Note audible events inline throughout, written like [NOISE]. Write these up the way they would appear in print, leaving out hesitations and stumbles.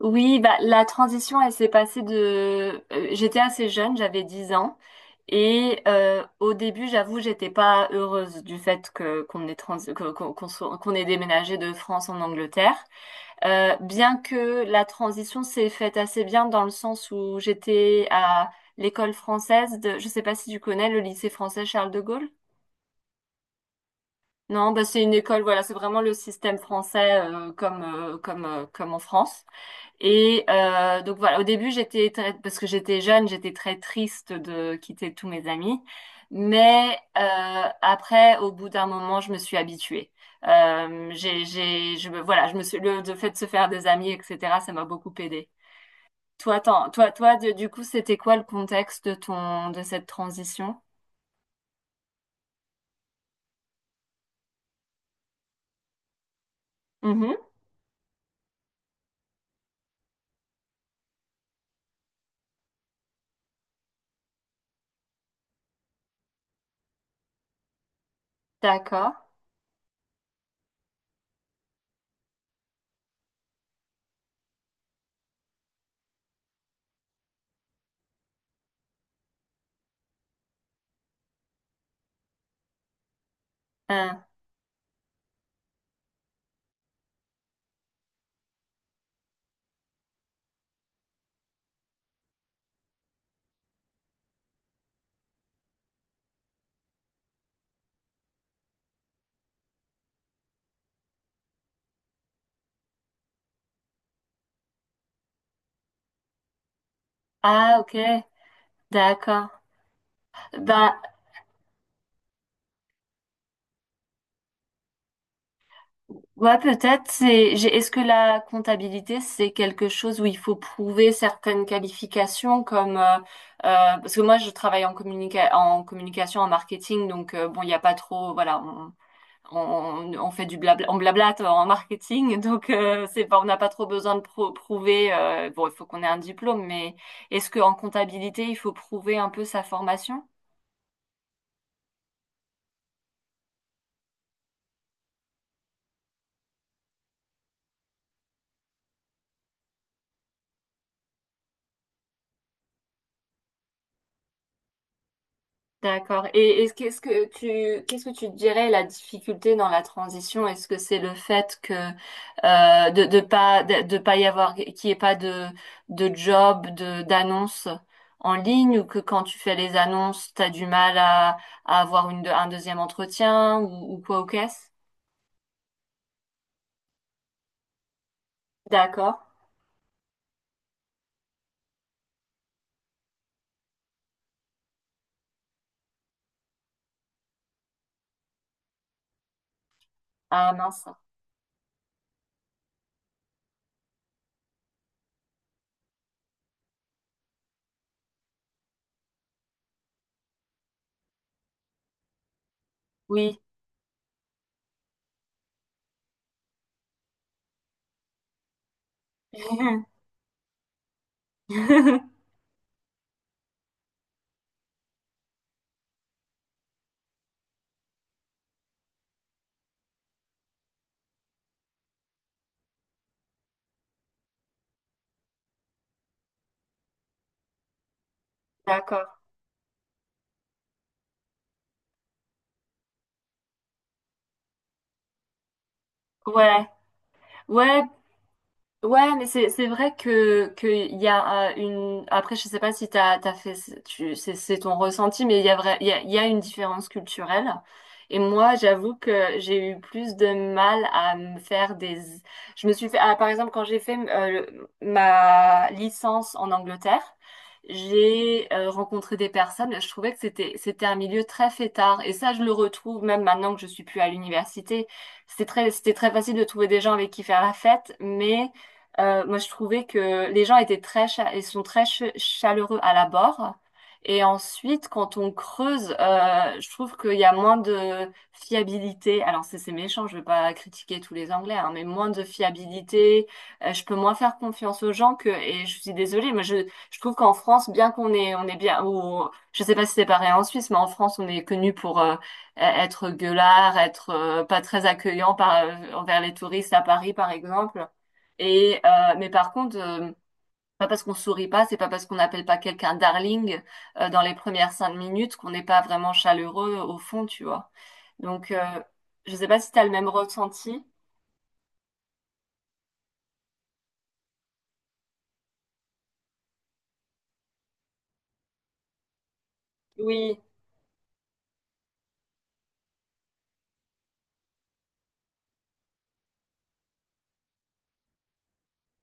Oui, bah, la transition, elle s'est passée, j'étais assez jeune, j'avais 10 ans. Et au début, j'avoue, j'étais pas heureuse du fait que qu'on ait trans... que- qu'on qu'on soit- qu'on ait déménagé de France en Angleterre. Bien que la transition s'est faite assez bien dans le sens où j'étais à l'école française. Je sais pas si tu connais le lycée français Charles de Gaulle? Non, bah, c'est une école, voilà, c'est vraiment le système français, comme en France. Et donc voilà, au début j'étais parce que j'étais jeune, j'étais très triste de quitter tous mes amis, mais après, au bout d'un moment, je me suis habituée. Voilà, je me suis, le fait de se faire des amis, etc., ça m'a beaucoup aidée. Toi, attends, du coup, c'était quoi le contexte de cette transition? Mhm. D'accord. Hein. Ah, ok. D'accord. Ben. Ouais, peut-être. Est-ce que la comptabilité, c'est quelque chose où il faut prouver certaines qualifications, comme, parce que moi je travaille en en communication, en marketing, donc bon, il n'y a pas trop, voilà, on, on fait du blabla, on blablate en marketing, [LAUGHS] donc c'est pas, on n'a pas trop besoin de prouver. Bon, il faut qu'on ait un diplôme, mais est-ce que en comptabilité, il faut prouver un peu sa formation? D'accord. Et est-ce que, ce que tu, qu'est-ce que tu dirais la difficulté dans la transition? Est-ce que c'est le fait que de pas y avoir qu'il n'y ait pas de job, de d'annonce en ligne, ou que quand tu fais les annonces, tu as du mal à avoir un deuxième entretien, ou quoi au caisse? D'accord. Ah mince. Oui. [LAUGHS] D'accord. Ouais. Ouais. Ouais, mais c'est vrai que il y a, une après, je sais pas si t'as fait tu c'est ton ressenti, mais il y a vrai il y a une différence culturelle. Et moi j'avoue que j'ai eu plus de mal à me faire des... je me suis fait ah, Par exemple, quand j'ai fait ma licence en Angleterre, j'ai rencontré des personnes. Je trouvais que c'était un milieu très fêtard, et ça, je le retrouve même maintenant que je suis plus à l'université. C'était très facile de trouver des gens avec qui faire la fête, mais moi, je trouvais que les gens étaient ils sont très chaleureux à l'abord. Et ensuite, quand on creuse, je trouve qu'il y a moins de fiabilité. Alors, c'est méchant, je ne veux pas critiquer tous les Anglais, hein, mais moins de fiabilité. Je peux moins faire confiance aux gens et je suis désolée, mais je trouve qu'en France, bien qu'on est, on est bien, ou, je ne sais pas si c'est pareil en Suisse, mais en France, on est connu pour être gueulard, être pas très accueillant envers les touristes à Paris, par exemple. Et mais par contre, pas parce qu'on sourit pas, c'est pas parce qu'on n'appelle pas quelqu'un darling dans les premières 5 minutes qu'on n'est pas vraiment chaleureux au fond, tu vois. Donc, je sais pas si t'as le même ressenti. Oui.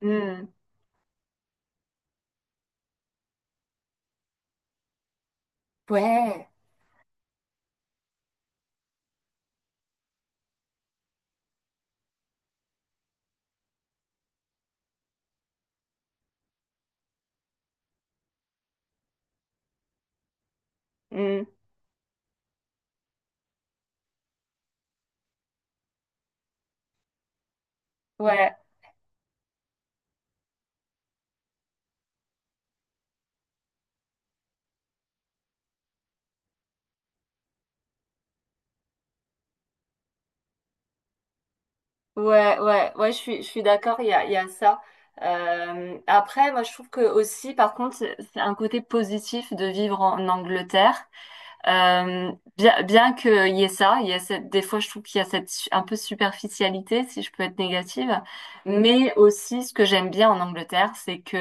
Hmm. Ouais. Hmm. Ouais. Ouais. Ouais. Ouais. Je suis d'accord. Il y a ça. Après, moi, je trouve que aussi, par contre, c'est un côté positif de vivre en Angleterre. Bien qu'il y ait ça, il y a cette, des fois je trouve qu'il y a cette un peu superficialité, si je peux être négative, mais aussi ce que j'aime bien en Angleterre, c'est que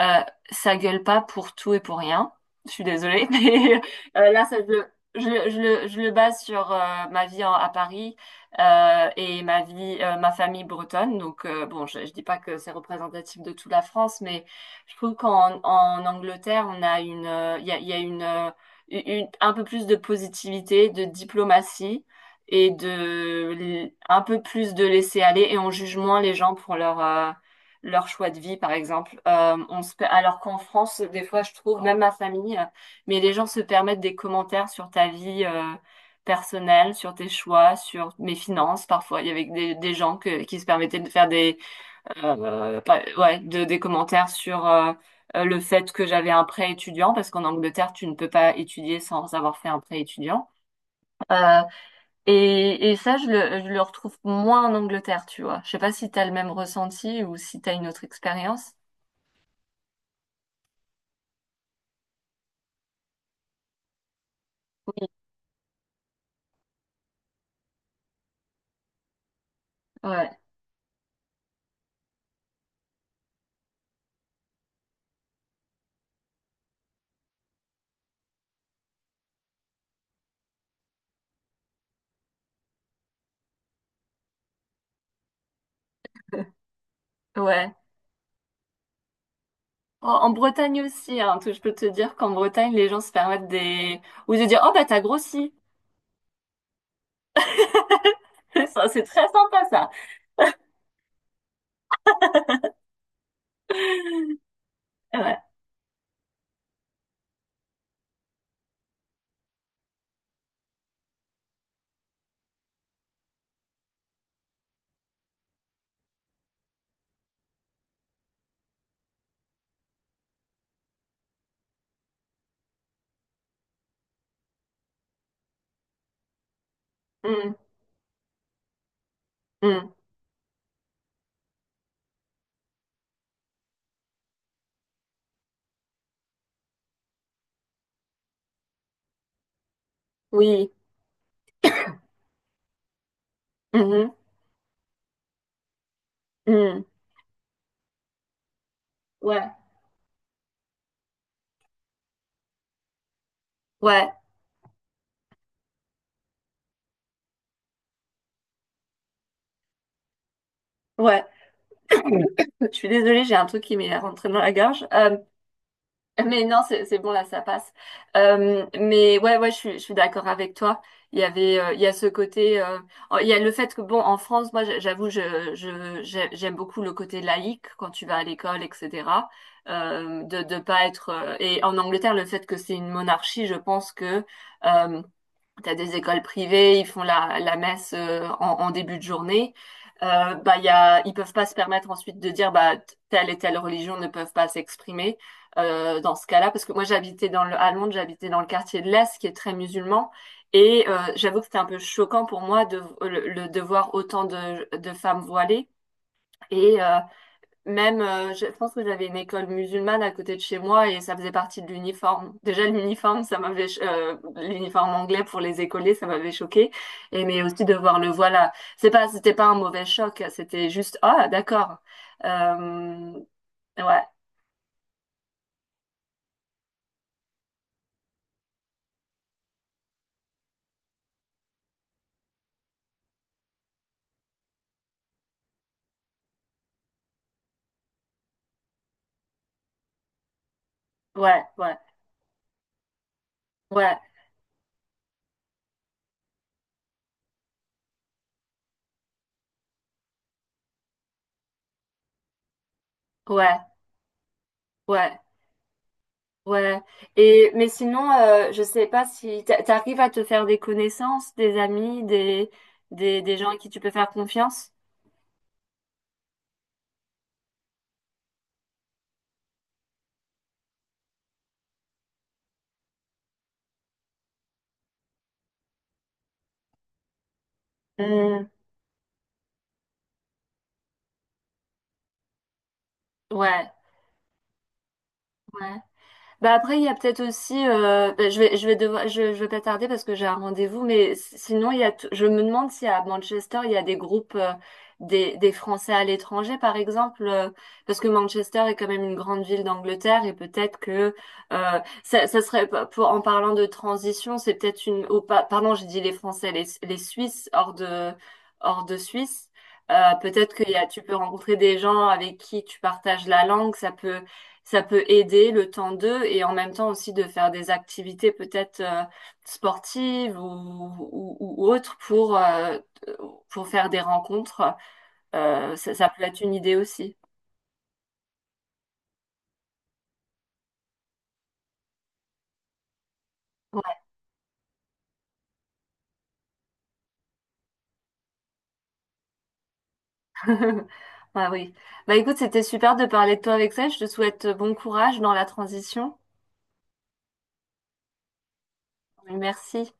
ça gueule pas pour tout et pour rien. Je suis désolée, [LAUGHS] mais là ça, je le base sur ma vie à Paris, et ma vie, ma famille bretonne. Donc bon, je dis pas que c'est représentatif de toute la France, mais je trouve qu'en Angleterre, il y a une- un peu plus de positivité, de diplomatie, et de un peu plus de laisser aller et on juge moins les gens pour leur leur choix de vie, par exemple. Alors qu'en France, des fois, je trouve même ma famille, mais les gens se permettent des commentaires sur ta vie, personnelle, sur tes choix, sur mes finances parfois. Il y avait des gens que, qui se permettaient de faire des ouais, des commentaires sur le fait que j'avais un prêt étudiant, parce qu'en Angleterre, tu ne peux pas étudier sans avoir fait un prêt étudiant. Euh, et ça, je le retrouve moins en Angleterre, tu vois. Je sais pas si t'as le même ressenti ou si t'as une autre expérience. Oui. Ouais, [LAUGHS] ouais. En Bretagne aussi, hein, je peux te dire qu'en Bretagne, les gens se permettent des, ou de dire: «Oh, bah, t'as grossi.» [LAUGHS] Ça, c'est très sympa, ça. Ouais. Mm, mm. Oui. Mhm, mm. Ouais, ouais, ouais. [LAUGHS] Je suis désolée, j'ai un truc qui m'est rentré dans la gorge. Mais non, c'est bon, là, ça passe. Mais ouais, ouais, je suis d'accord avec toi. Il y avait, euh, il y a ce côté, euh, il y a le fait que, bon, en France, moi, j'avoue, j'aime beaucoup le côté laïque quand tu vas à l'école, etc. De pas être, et en Angleterre, le fait que c'est une monarchie, je pense que, euh, t'as des écoles privées, ils font la messe en début de journée. Bah, ils peuvent pas se permettre ensuite de dire, bah, telle et telle religion ne peuvent pas s'exprimer dans ce cas-là. Parce que moi j'habitais à Londres, j'habitais dans le quartier de l'Est qui est très musulman. Et j'avoue que c'était un peu choquant pour moi de de voir autant de femmes voilées. Et même, je pense que j'avais une école musulmane à côté de chez moi et ça faisait partie de l'uniforme. Déjà, l'uniforme, l'uniforme anglais pour les écoliers, ça m'avait choqué. Et mais aussi de voir, le voilà. C'était pas un mauvais choc, c'était juste, ah, d'accord. Euh, ouais, ouais, ouais, ouais, ouais, ouais, ouais. Et mais sinon, je sais pas si t'arrives à te faire des connaissances, des amis, des gens à qui tu peux faire confiance. Hmm, ouais, ouais. Bah après, il y a peut-être aussi, bah, je vais pas tarder parce que j'ai un rendez-vous, mais sinon, il y a, t- je me demande si à Manchester, il y a des groupes, des Français à l'étranger, par exemple, parce que Manchester est quand même une grande ville d'Angleterre, et peut-être que, ça serait, en parlant de transition, c'est peut-être oh, pardon, j'ai dit les Français, les Suisses hors de Suisse. Peut-être tu peux rencontrer des gens avec qui tu partages la langue, ça peut aider, le temps d'eux, et en même temps aussi de faire des activités peut-être sportives, ou autres, pour pour faire des rencontres. Ça, ça peut être une idée aussi. Ouais. [LAUGHS] Ah oui. Bah écoute, c'était super de parler de toi avec ça. Je te souhaite bon courage dans la transition. Merci.